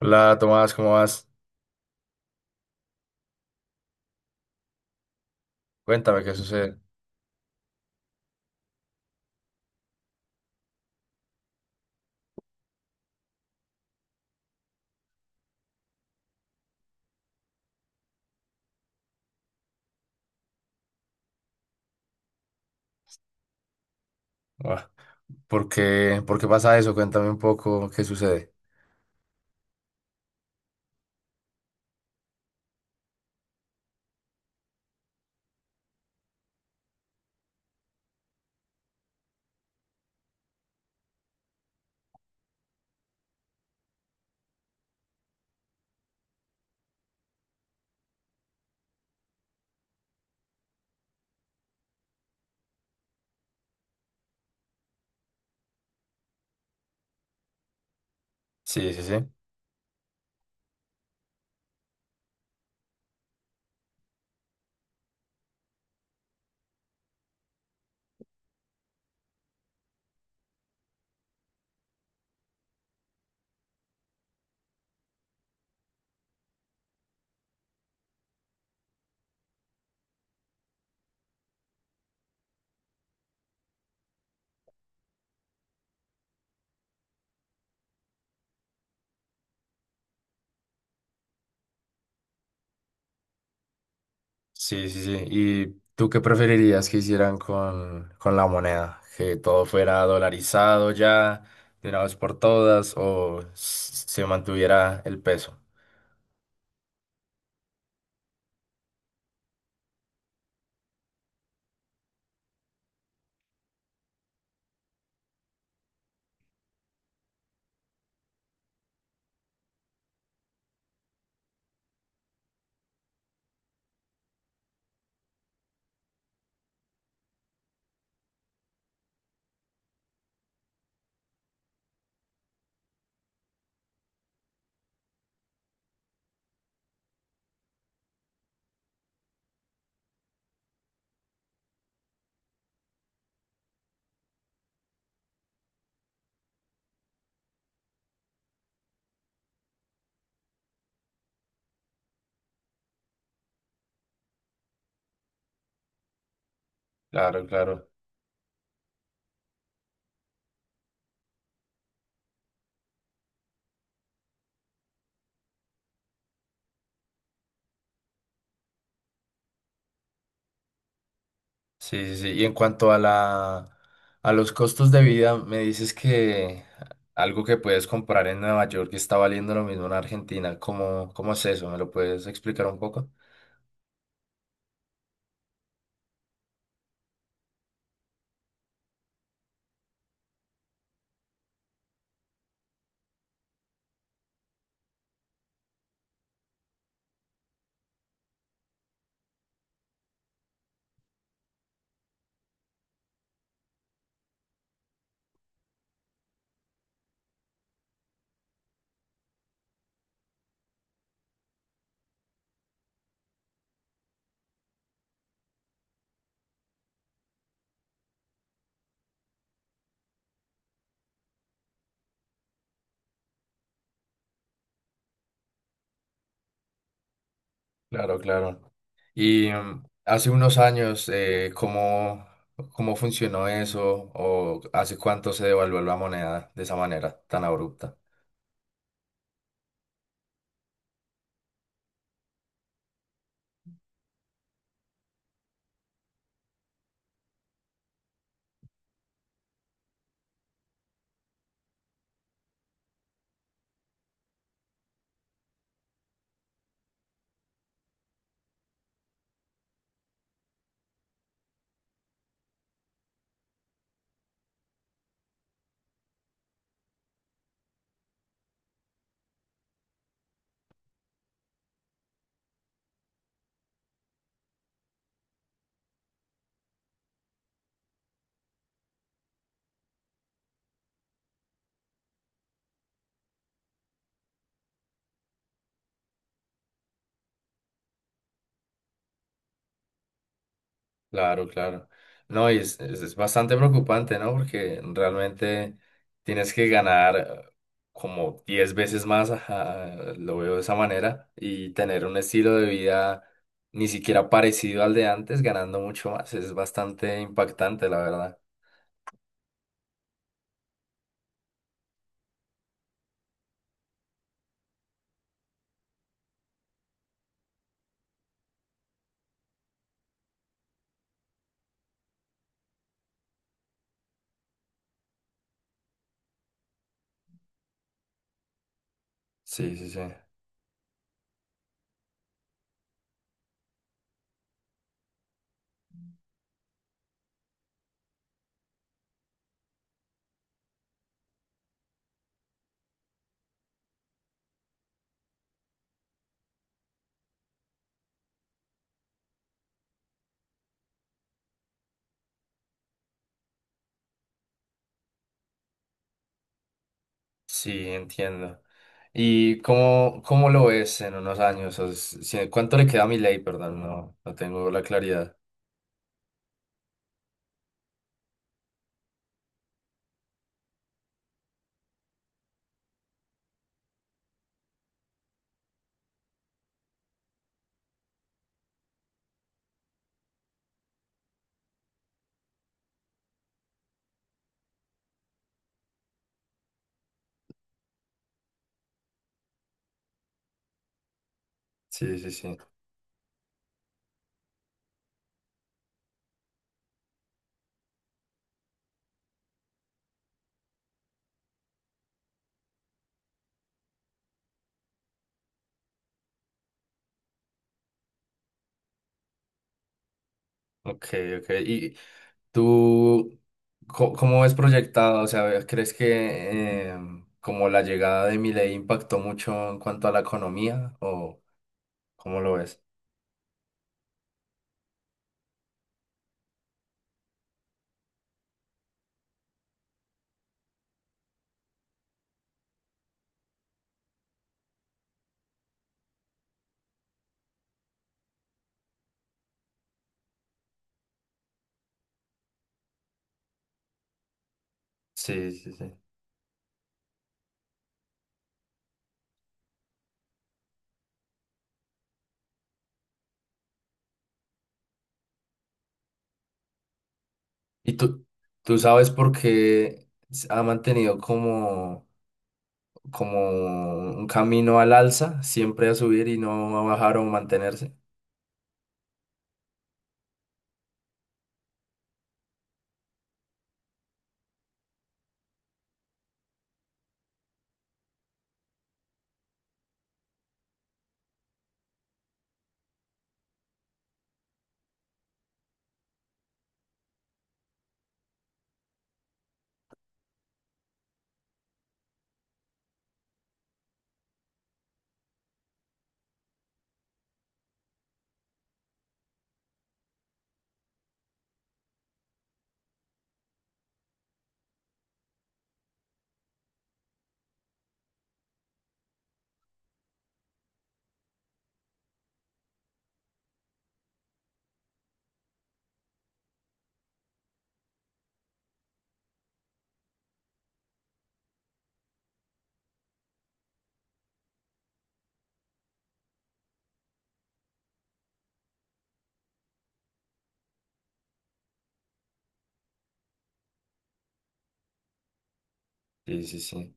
Hola Tomás, ¿cómo vas? Cuéntame qué sucede. Buah, ¿por qué, por qué pasa eso? Cuéntame un poco qué sucede. Sí, sí, sí. Sí, sí, sí. ¿Y tú qué preferirías que hicieran con la moneda? ¿Que todo fuera dolarizado ya, de una vez por todas, o se mantuviera el peso? Claro, claro. Sí, sí, sí. Y en cuanto a a los costos de vida, me dices que algo que puedes comprar en Nueva York está valiendo lo mismo en Argentina. ¿Cómo, cómo es eso? ¿Me lo puedes explicar un poco? Claro, claro. Y hace unos años, ¿cómo, cómo funcionó eso? ¿O hace cuánto se devaluó la moneda de esa manera tan abrupta? Claro, claro. No, y es, es bastante preocupante, ¿no? Porque realmente tienes que ganar como 10 veces más, ajá, lo veo de esa manera, y tener un estilo de vida ni siquiera parecido al de antes, ganando mucho más. Es bastante impactante, la verdad. Sí, sí, sí. Sí, entiendo. ¿Y cómo, cómo lo ves en unos años? O s- si- ¿Cuánto le queda a mi ley? Perdón, no, no tengo la claridad. Sí, sí, sí. Ok, ok. ¿Y, ¿tú cómo ves proyectado? O sea, ¿crees que como la llegada de Milei impactó mucho en cuanto a la economía o cómo lo ves? Sí, sí, sí. ¿Y tú sabes por qué ha mantenido como, como un camino al alza, siempre a subir y no a bajar o mantenerse? Sí, sí, sí.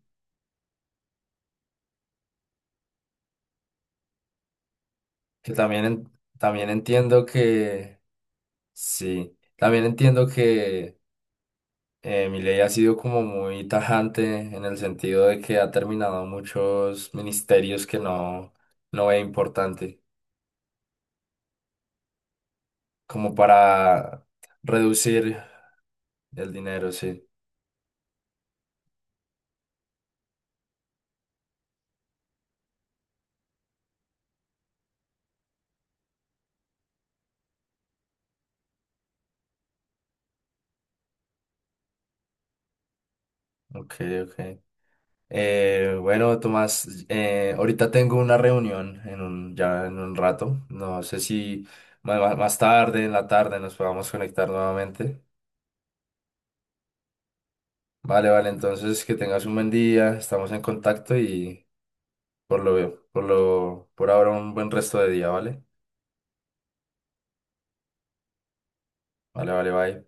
Que también, también entiendo que, sí, también entiendo que Milei ha sido como muy tajante en el sentido de que ha terminado muchos ministerios que no, no ve importante, como para reducir el dinero, sí. Ok, ok. Bueno, Tomás, ahorita tengo una reunión en un, ya en un rato. No sé si más tarde, en la tarde, nos podamos conectar nuevamente. Vale, vale, entonces que tengas un buen día, estamos en contacto y... por ahora un buen resto de día, ¿vale? Vale, vale, bye.